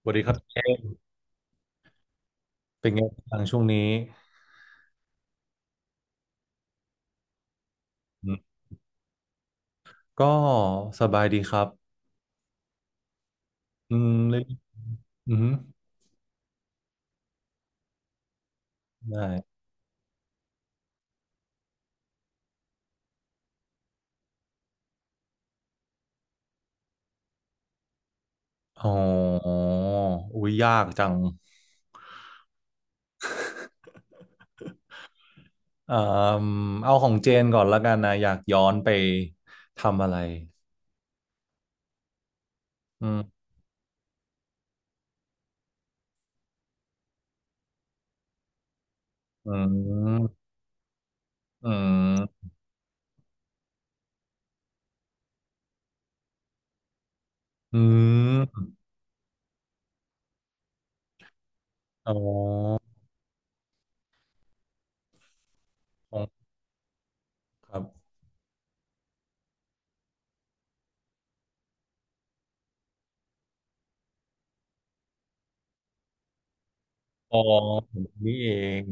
สวัสดีครับเจมส์เป็นไงบ้างช่วงนี้อืมก็สบายดีครับอืมเลยอืมได้อ๋ออุ้ยยากจังอ่าเอาของเจนก่อนละกันนะอยากย้อนไปทำอะไรอืมอืมอืมอืมอ๋อของครับอ๋อนี่เอง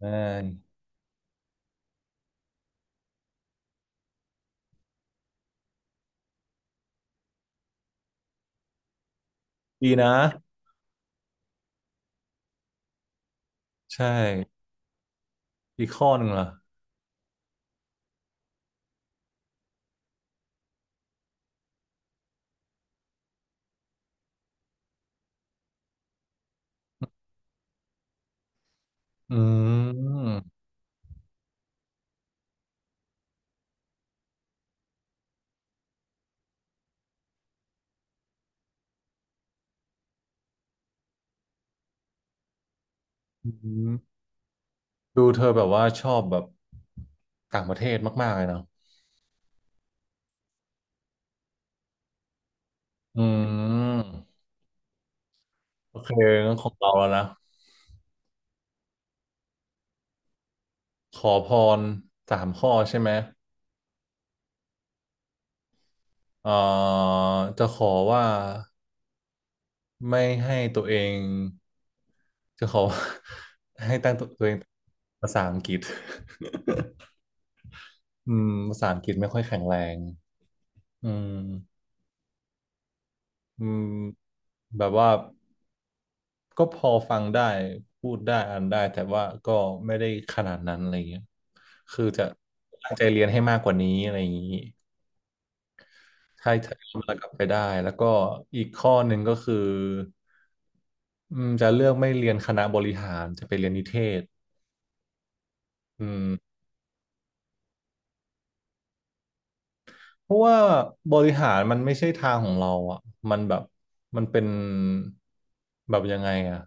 ใช่ดีนะใช่อีกข้อหนึ่งล่ะอืมอืม ดูเธอแบบว่าชอบแบบต่างประเทศมากๆเลยเนาะอืมโอเคงั้นของเราแล้วนะขอพรสามข้อใช่ไหมเอ่อจะขอว่าไม่ให้ตัวเองจะขอว่า ให้ตั้งตัวเองภาษาอังกฤษ อืมภาษาอังกฤษไม่ค่อยแข็งแรงอืมอืมแบบว่า ก็พอฟังได้พูดได้อ่านได้แต่ว่าก็ไม่ได้ขนาดนั้นอะไรเงี้ยคือจะตั้งใจเรียนให้มากกว่านี้อะไรอย่างนี้ถ้าย้อนเวลากลับไปได้แล้วก็อีกข้อหนึ่งก็คืออืมจะเลือกไม่เรียนคณะบริหารจะไปเรียนนิเทศอืมเพราะว่าบริหารมันไม่ใช่ทางของเราอ่ะมันแบบมันเป็นแบบยังไงอ่ะ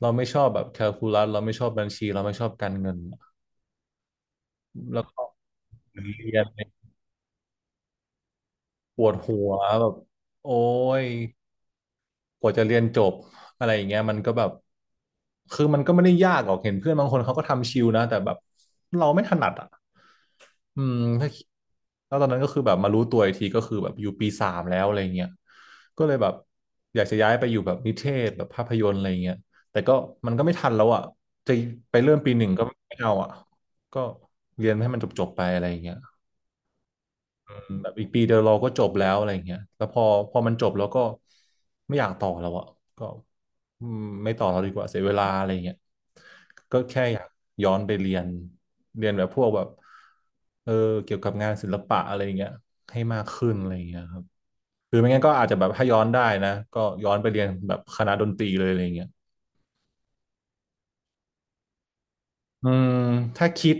เราไม่ชอบแบบแคลคูลัสเราไม่ชอบบัญชีเราไม่ชอบการเงินอะแล้วก็เรียน ปวดหัวแบบโอ้ยกว่าจะเรียนจบอะไรอย่างเงี้ยมันก็แบบคือมันก็ไม่ได้ยากหรอกเห็นเพื่อนบางคนเขาก็ทำชิลนะแต่แบบเราไม่ถนัดอ่ะอืมถ้าแล้วตอนนั้นก็คือแบบมารู้ตัวอีกทีก็คือแบบอยู่ปีสามแล้วอะไรเงี้ยก็เลยแบบอยากจะย้ายไปอยู่แบบนิเทศแบบภาพยนตร์อะไรเงี้ยแต่ก็มันก็ไม่ทันแล้วอ่ะจะไปเริ่มปีหนึ่งก็ไม่เอาอ่ะก็เรียนให้มันจบๆไปอะไรเงี้ย แบบอีกปีเดียวเราก็จบแล้วอะไรอย่างเงี้ยแล้วพอพอมันจบแล้วก็ไม่อยากต่อแล้วอะก็อืมไม่ต่อแล้วดีกว่าเสียเวลาอะไรอย่างเงี้ยก็แค่อยากย้อนไปเรียนเรียนแบบพวกแบบเออเกี่ยวกับงานศิลปะอะไรอย่างเงี้ยให้มากขึ้นอะไรอย่างเงี้ยครับหรือไม่งั้นก็อาจจะแบบถ้าย้อนได้นะก็ย้อนไปเรียนแบบคณะดนตรีเลยอะไรอย่างเงี้ยอืมถ้าคิด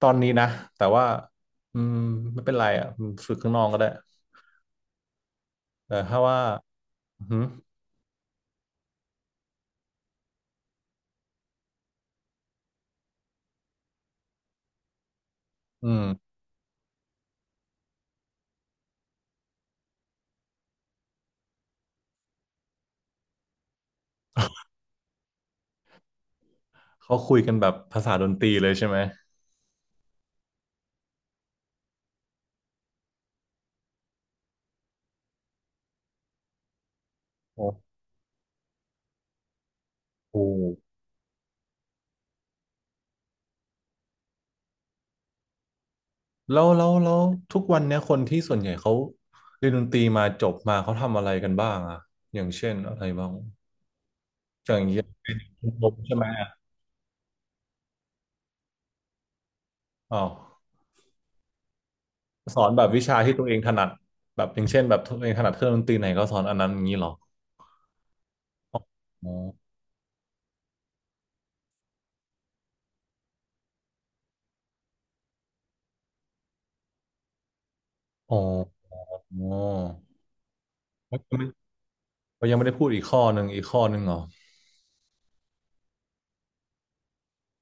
ตอนนี้นะแต่ว่าอืมไม่เป็นไรอ่ะฝึกข้างนอกก็ได้แต่ถ้าว่าอือหืออืม เขาคุยกันแบบภาษาดนตรีเลยใช่ไหมโอ้โหแล้วทุกวันเนี้ยคนที่ส่วนใหญ่เขาเรียนดนตรีมาจบมาเขาทำอะไรกันบ้างอะอย่างเช่นอะไรบ้างผมใช่ไหมอะอ๋อสอนแบบวิชาที่ตัวเองถนัดแบบอย่างเช่นแบบตัวเองถนัดเครื่องดนตรีไหนก็สอนอันนั้นอย่างนี้เหรออ๋ออ๋ออ๋อเขายังไม่เขายังไม่ได้พูดอีกข้อหนึ่งอีกข้อหนึ่งเหรอ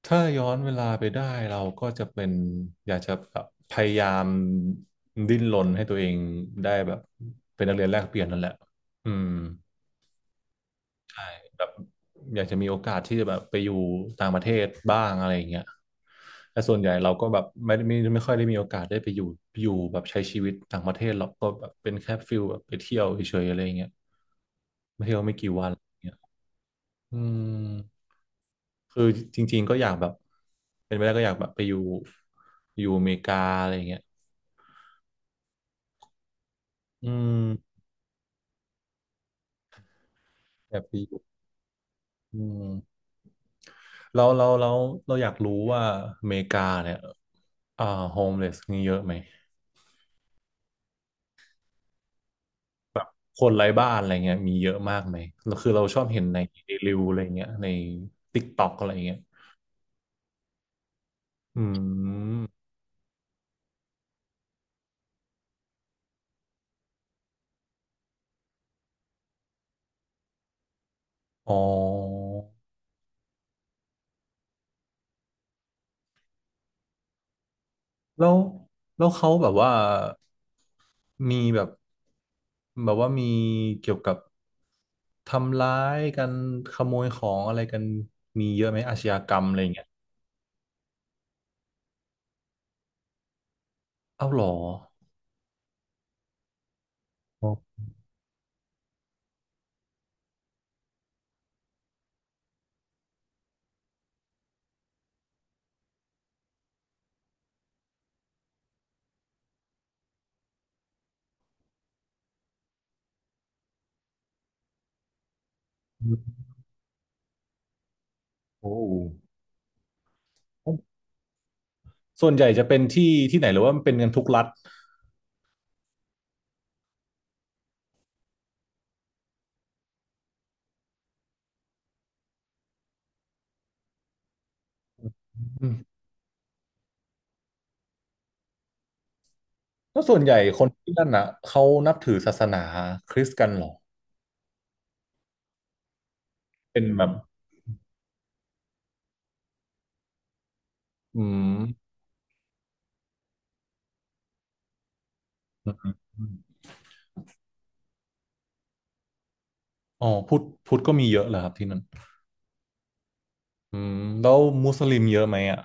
ถ้าย้อนเวลาไปได้เราก็จะเป็นอยากจะแบบพยายามดิ้นรนให้ตัวเองได้แบบเป็นนักเรียนแลกเปลี่ยนนั่นแหละอืมใช่แบบอยากจะมีโอกาสที่จะแบบไปอยู่ต่างประเทศบ้างอะไรอย่างเงี้ยแต่ส่วนใหญ่เราก็แบบไม่ค่อยได้มีโอกาสได้ไปอยู่อยู่แบบใช้ชีวิตต่างประเทศเราก็แบบเป็นแค่ฟิลแบบไปเที่ยวเฉยๆอะไรอย่างเงี้ยไปเที่ยวไม่กี่วันอะไรอย่างเงี้ยอืม คือจริงๆก็อยากแบบเป็นไปได้ก็อยากแบบไปอยู่อยู่อเมริกาอะไรอย่างเงี้ยอืมอยากไปอยู่อืมเราเราอยากรู้ว่าอเมริกาเนี่ยอ่าโฮมเลสมีเยอะไหมคนไร้บ้านอะไรเงี้ยมีเยอะมากไหมแล้วคือเราชอบเห็นในรีวิวอะไรเงี้ยในติ๊กต็อกอะไรเงี้ยอืมอ๋อ แล้วแล้วเขาแบบว่ามีแบบแบบว่ามีเกี่ยวกับทำร้ายกันขโมยของอะไรกันมีเยอะไหมอาชญากรรมอะไรอย่างเงี้ยเอ้าเหรออ๋อโอ้โหส่วนใหญ่จะเป็นที่ที่ไหนหรือว่ามันเป็นกันทุกรัฐอืมแล้วส่วนใหญ่คนที่นั่นอ่ะเขานับถือศาสนาคริสต์กันเหรอเป็นแบบอืมอมอ๋อพุทธพุทธก็มีเยอะเหรอครับที่นั่นอืมแล้วมุสลิมเยอะไหมอ่ะ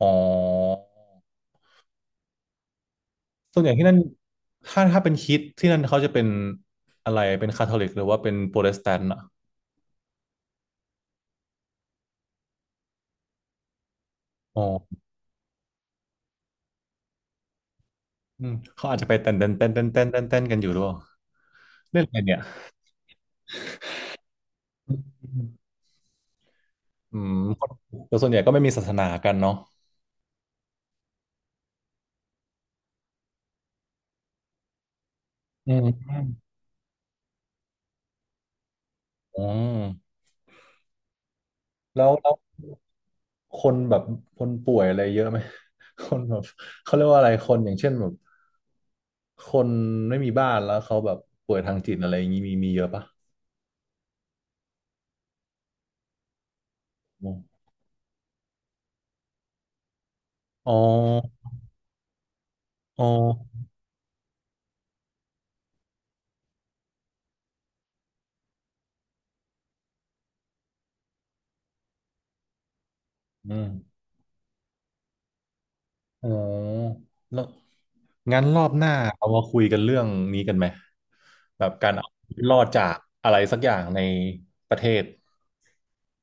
อ๋อส่วนใหญ่ที่นั่นถ้าเป็นคริสต์ที่นั่นเขาจะเป็นอะไรเป็นคาทอลิกหรือว่าเป็นโปรเตสแตนต์อ่ะอ๋ออืมเขาอาจจะไปเต้นเต้นเต้นเต้นเต้นเต้นเต้นกันอยู่ด้วยเล่นอะไรเนี่ยอืมแต่ส่วนใหญ่ก็ไม่มีศาสนากันเนาะอืมอืมแล้วคนแบบคนป่วยอะไรเยอะไหม คนแบบเขาเรียกว่าอะไรคนอย่างเช่นแบบคนไม่มีบ้านแล้วเขาแบบป่วยทางจิตอะไรอย่างนี้มีเยอะปะอมอ๋ออ๋ออืม อ๋อแล้วงั้นรอบหน้าเอามาคุยกันเรื่องนี้กันไหมแบบการเอาชีวิตรอดจากอะไรสักอย่างในประเทศ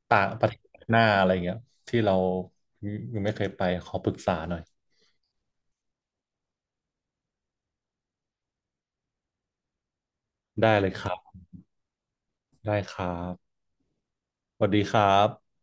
ต่างประเทศหน้าอะไรเงี้ยที่เรายังไม่เคยไปขอปรึกษาหน่อยได้เลยครับได้ครับสวัสดีครับ